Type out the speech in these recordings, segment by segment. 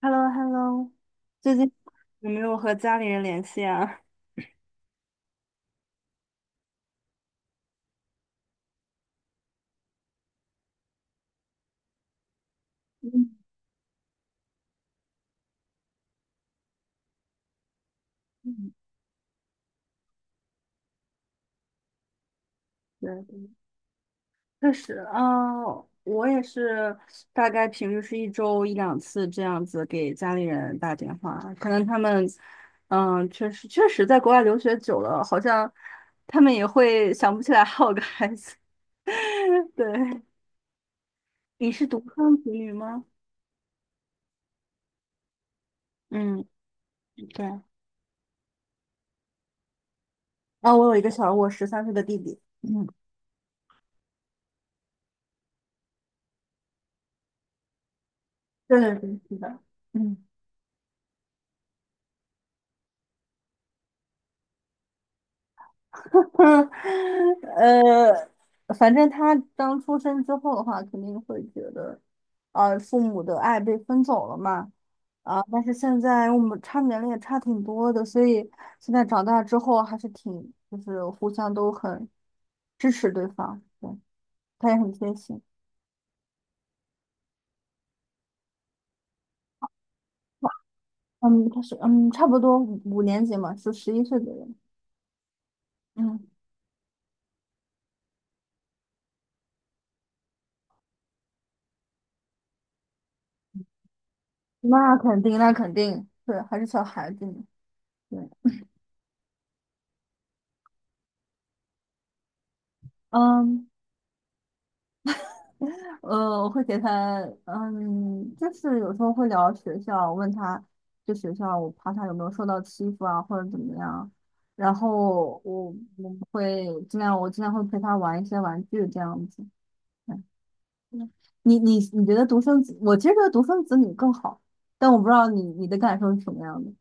h e l l o h e l l o 最近有没有和家里人联系啊？嗯嗯，对对，确实，啊，我也是，大概平时是一周一两次这样子给家里人打电话。可能他们，嗯、确实在国外留学久了，好像他们也会想不起来还有个孩子。对，你是独生子女吗？嗯，对。啊、我有一个小我13岁的弟弟。嗯，对对对，是的。嗯。呃，反正他刚出生之后的话，肯定会觉得，父母的爱被分走了嘛。啊、但是现在我们差年龄也差挺多的，所以现在长大之后还是挺，就是互相都很支持对方，对，他也很贴心。嗯，他是嗯，差不多五年级嘛，是11岁左右。嗯，那肯定，那肯定，对，还是小孩子呢。对。嗯。我会给他，嗯，就是有时候会聊学校，问他就学校，我怕他有没有受到欺负啊，或者怎么样。然后我会尽量，我尽量会陪他玩一些玩具这样子。嗯。嗯，你觉得独生子，我其实觉得独生子女更好，但我不知道你的感受是什么样的。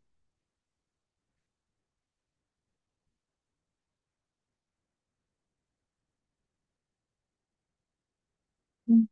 嗯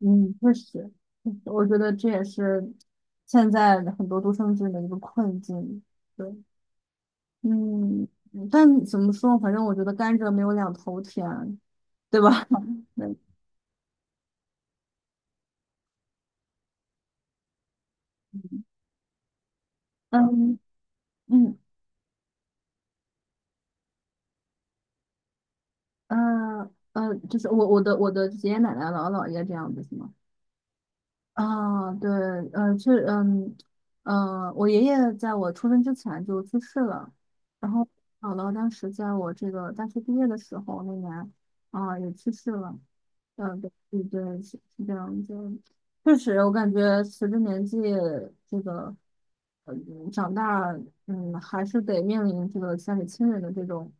嗯，确实，我觉得这也是现在很多独生子女的一个困境。对。嗯，嗯,但怎么说，反正我觉得甘蔗没有两头甜，对吧？嗯嗯嗯嗯，就是我的爷爷奶奶姥姥姥爷这样子是吗？啊，对，是，嗯，我爷爷在我出生之前就去世了，然后姥姥当时在我这个大学毕业的时候那年，啊、也去世了。嗯、对对对，是这样就确实，我感觉随着年纪这个，嗯，长大，嗯，还是得面临这个家里亲人的这种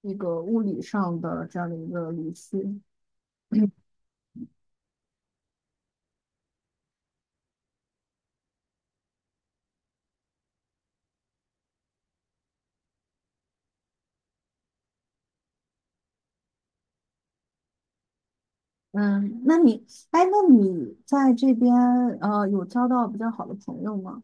一个物理上的这样的一个离去。嗯，那你在这边有交到比较好的朋友吗？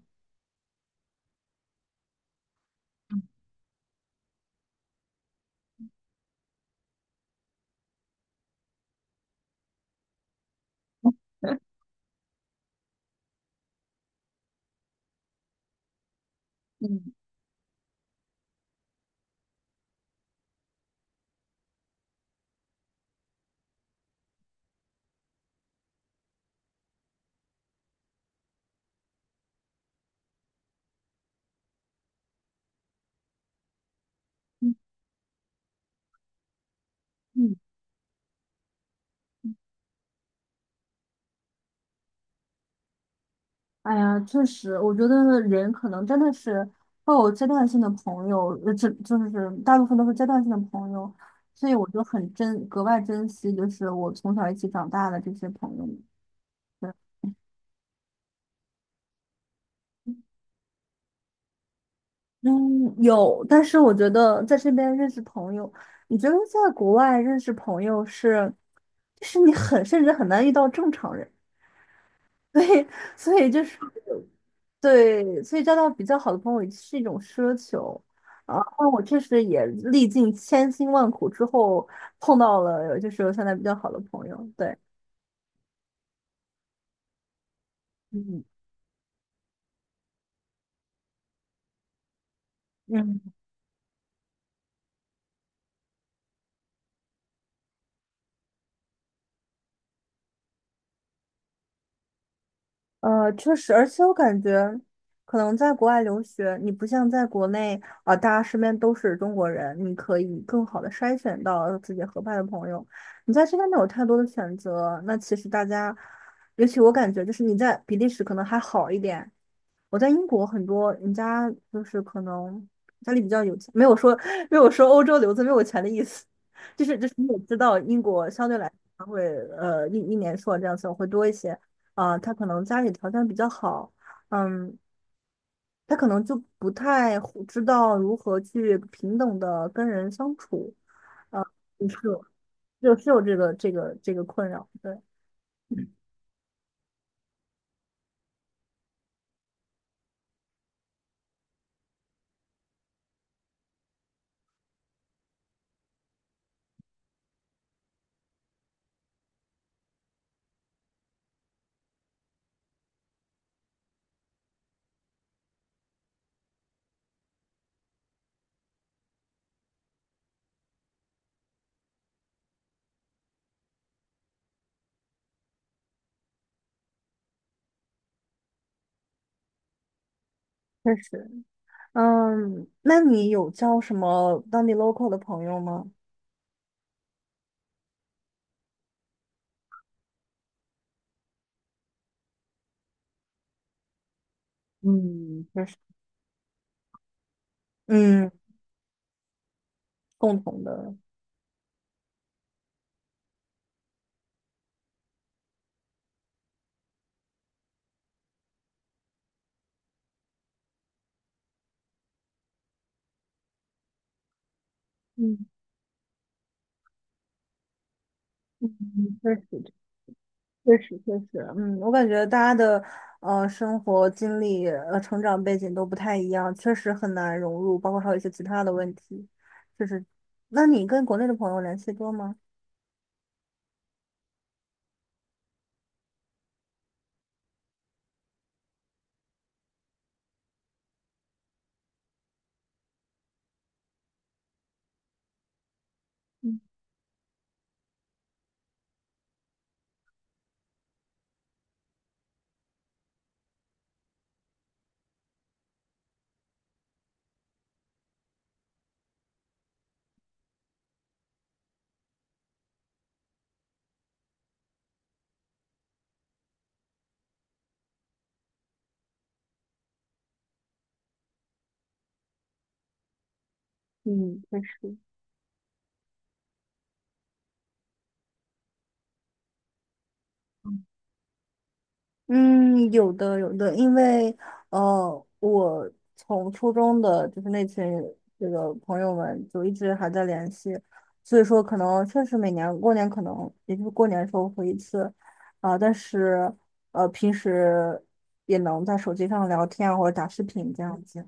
嗯嗯嗯，哎呀，确实，我觉得人可能真的是会有阶段性的朋友，这就是大部分都是阶段性的朋友，所以我就格外珍惜，就是我从小一起长大的这些朋友们。对。嗯，有，但是我觉得在这边认识朋友，你觉得在国外认识朋友是，就是你很，甚至很难遇到正常人。所以所以就是对，所以交到比较好的朋友也是一种奢求。啊，那我确实也历尽千辛万苦之后碰到了，就是我现在比较好的朋友。对，嗯嗯，确实，而且我感觉可能在国外留学，你不像在国内啊、大家身边都是中国人，你可以更好的筛选到自己合拍的朋友。你在身边没有太多的选择，那其实大家，尤其我感觉就是你在比利时可能还好一点。我在英国很多人家就是可能家里比较有钱，没有说欧洲留子没有钱的意思。就是你也知道英国相对来说它会一年硕这样子会多一些，啊、他可能家里条件比较好，嗯，他可能就不太会知道如何去平等的跟人相处，就是有就是有这个困扰，对，确实。嗯，那你有交什么当地 local 的朋友吗？嗯，确实。嗯，共同的。嗯，嗯,确实，确实，确实，嗯，我感觉大家的生活经历、成长背景都不太一样，确实很难融入，包括还有一些其他的问题，就是，那你跟国内的朋友联系多吗？嗯。嗯，确实。嗯，有的有的，因为我从初中的就是那群这个朋友们就一直还在联系，所以说可能确实每年过年可能也就是过年的时候回一次，啊、但是平时也能在手机上聊天啊或者打视频这样子。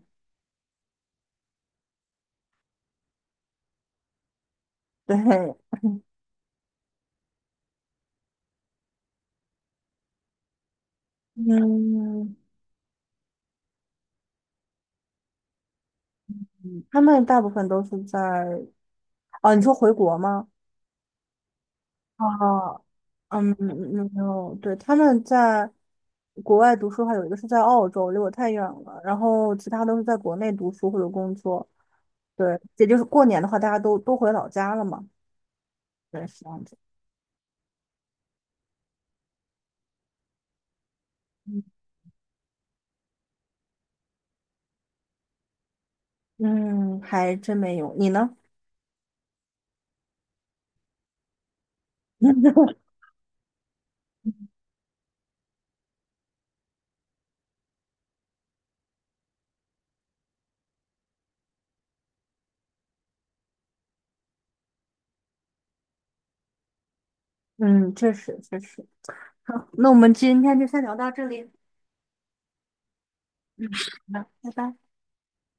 对。嗯，他们大部分都是在，啊，你说回国吗？哦，嗯，没有，对，他们在国外读书的话，有一个是在澳洲，离我太远了，然后其他都是在国内读书或者工作。对，也就是过年的话，大家都回老家了嘛。对，是这样子。嗯，还真没有。你呢？嗯，确实确实。好，那我们今天就先聊到这里。嗯，好的拜拜。